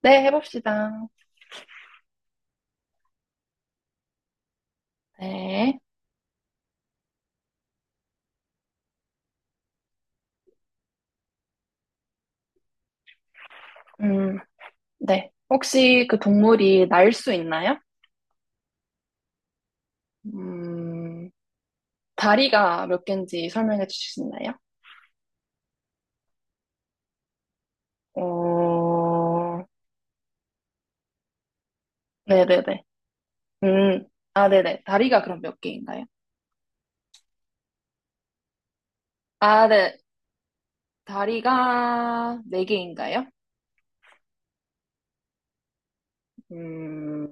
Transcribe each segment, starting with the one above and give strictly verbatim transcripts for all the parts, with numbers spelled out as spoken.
네, 해봅시다. 네. 음, 네. 혹시 그 동물이 날 수 있나요? 음, 다리가 몇 개인지 설명해 주실 수 있나요? 어, 네네네. 음, 아, 네네. 다리가 그럼 몇 개인가요? 아, 네. 다리가 네 개인가요? 음,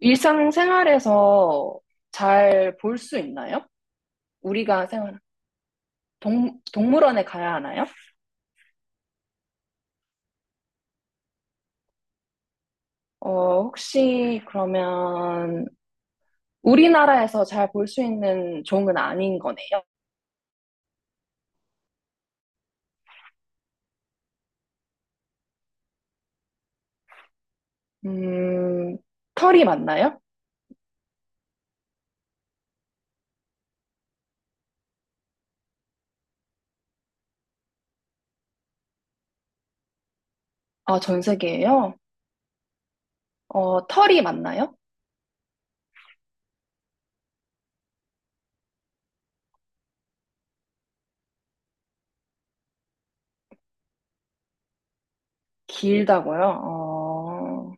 일상생활에서 잘 볼 수 있나요? 우리가 생활, 동, 동물원에 가야 하나요? 어, 혹시 그러면 우리나라에서 잘 볼 수 있는 종은 아닌 거네요. 음, 털이 맞나요? 아, 전 세계에요? 어, 털이 맞나요? 길다고요? 어,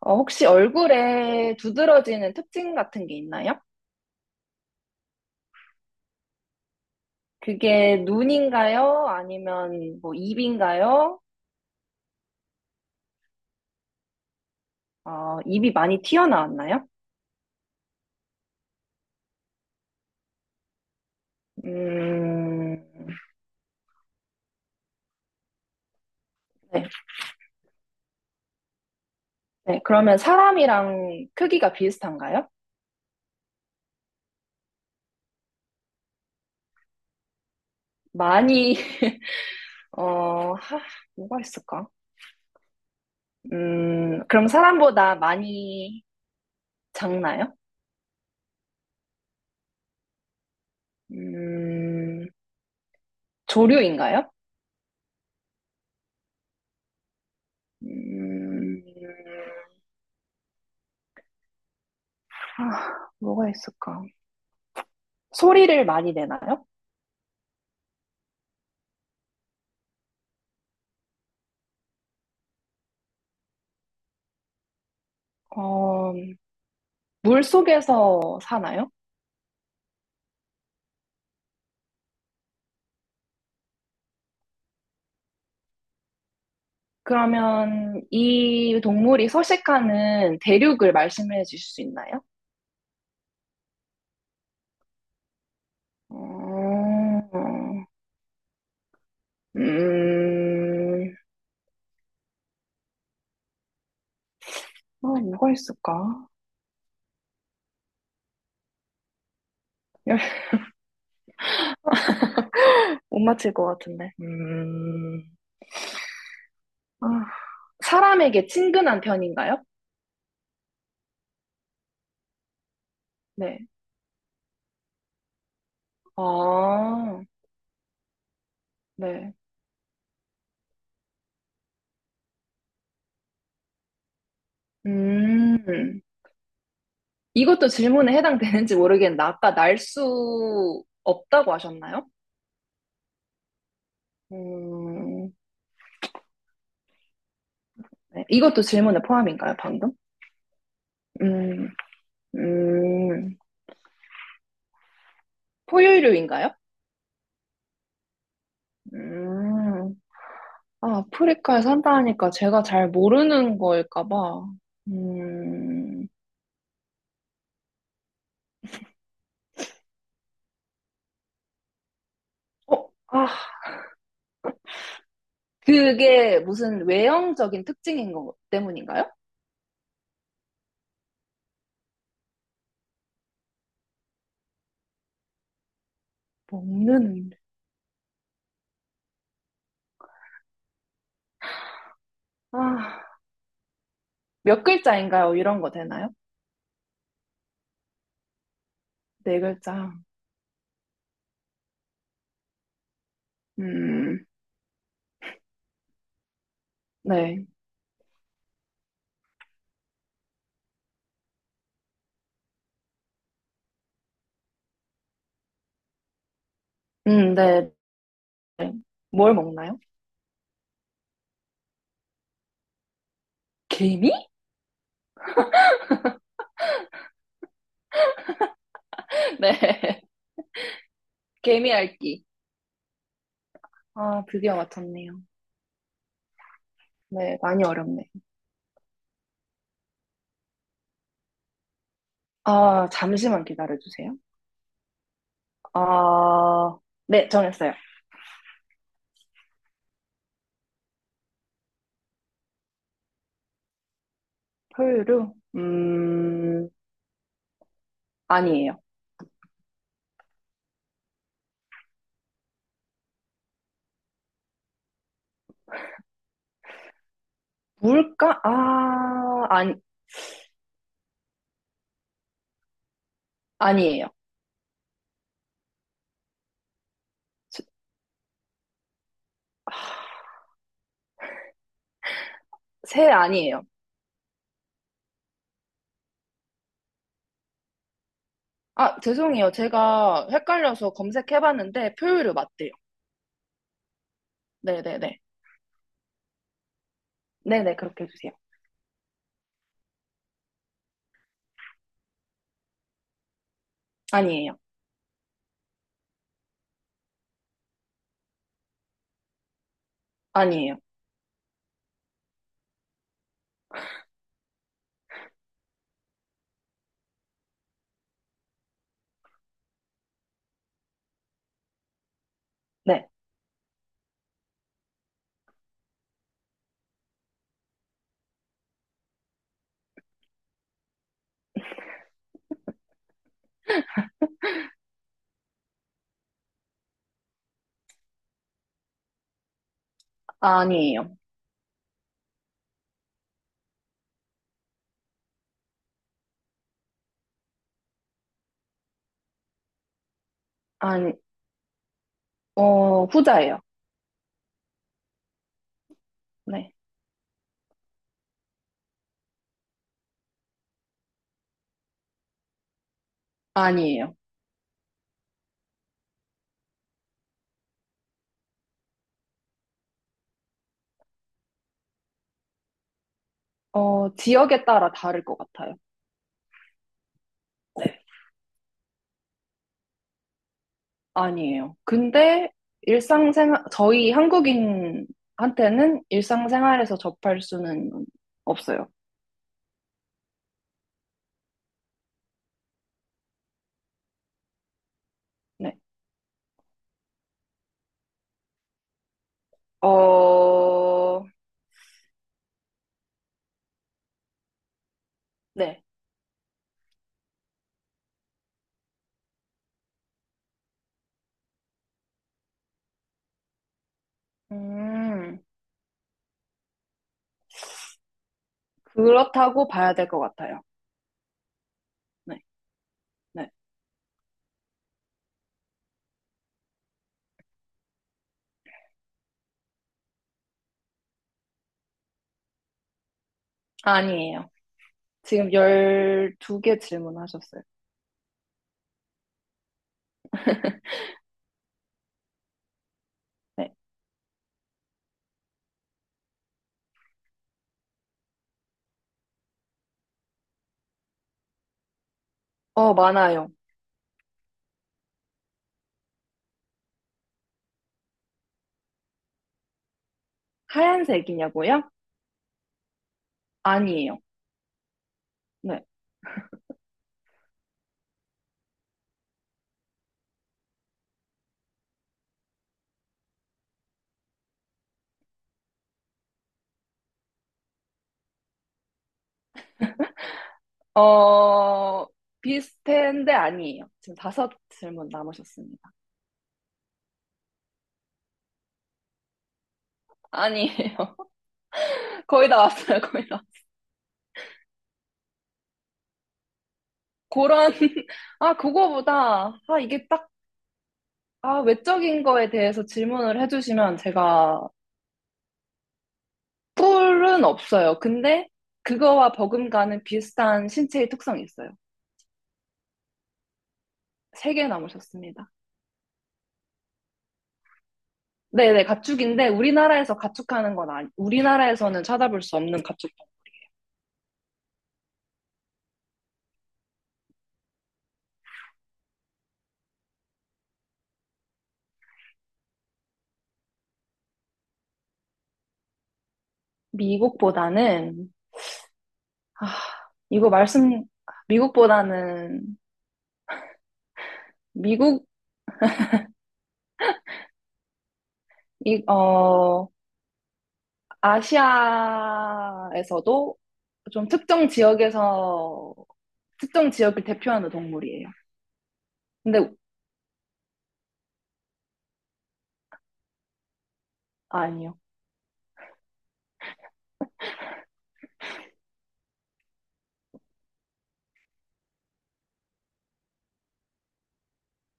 어, 혹시 얼굴에 두드러지는 특징 같은 게 있나요? 그게 눈인가요? 아니면 뭐 입인가요? 어, 입이 많이 튀어나왔나요? 음, 네. 네. 그러면 사람이랑 크기가 비슷한가요? 많이, 어, 하, 뭐가 있을까? 음, 그럼 사람보다 많이 작나요? 음, 조류인가요? 음, 아, 뭐가 있을까? 소리를 많이 내나요? 어, 물 속에서 사나요? 그러면 이 동물이 서식하는 대륙을 말씀해 주실 수 있나요? 어, 음, 아, 뭐가 있을까? 못 맞힐 것 같은데. 음, 아, 사람에게 친근한 편인가요? 네. 아, 네. 음, 이것도 질문에 해당되는지 모르겠는데, 아까 날 수 없다고 하셨나요? 음, 네. 이것도 질문에 포함인가요, 방금? 음, 음, 포유류인가요? 음, 아, 아프리카에 산다니까 제가 잘 모르는 거일까봐. 음, 어, 아, 그게 무슨 외형적인 특징인 것 때문인가요? 먹는 아, 몇 글자인가요? 이런 거 되나요? 네 글자. 음, 네. 음, 네. 네. 뭘 먹나요? 개미? 네. 개미 핥기. 아, 드디어 맞췄네요. 네, 많이 어렵네. 아, 잠시만 기다려주세요. 아, 네, 정했어요. 포유류? 음, 아니에요. 물가? 아, 아니, 아니에요. 새 새 아니에요. 아, 죄송해요. 제가 헷갈려서 검색해봤는데 포유류 맞대요. 네네네. 네네, 그렇게 해주세요. 아니에요. 아니에요. 네. 아니에요. 아니, 어, 후자예요. 네. 아니에요. 어, 지역에 따라 다를 것 같아요. 네. 아니에요. 근데 일상생활, 저희 한국인한테는 일상생활에서 접할 수는 없어요. 네. 어, 네. 음, 그렇다고 봐야 될 것 같아요. 네. 네. 아니에요. 지금 열두 개 질문하셨어요. 네. 어, 많아요. 하얀색이냐고요? 아니에요. 네. 어, 비슷한데 아니에요. 지금 다섯 질문 남으셨습니다. 아니에요. 거의 다 왔어요, 거의 다. 그런, 아, 그거보다, 아, 이게 딱, 아, 외적인 거에 대해서 질문을 해주시면 제가 뿔은 없어요. 근데 그거와 버금가는 비슷한 신체의 특성이 있어요. 세 개 남으셨습니다. 네네, 가축인데 우리나라에서 가축하는 건 아니, 우리나라에서는 찾아볼 수 없는 가축. 미국보다는 아, 이거 말씀, 미국보다는, 미국, 이, 어, 아시아에서도 좀 특정 지역에서, 특정 지역을 대표하는 동물이에요. 근데, 아, 아니요.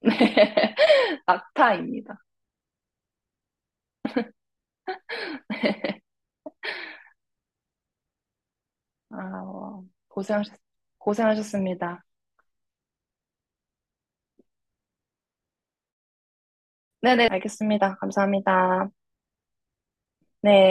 네. 낙타입니다. 아, 고생하셨, 고생하셨습니다. 네네, 알겠습니다. 감사합니다. 네.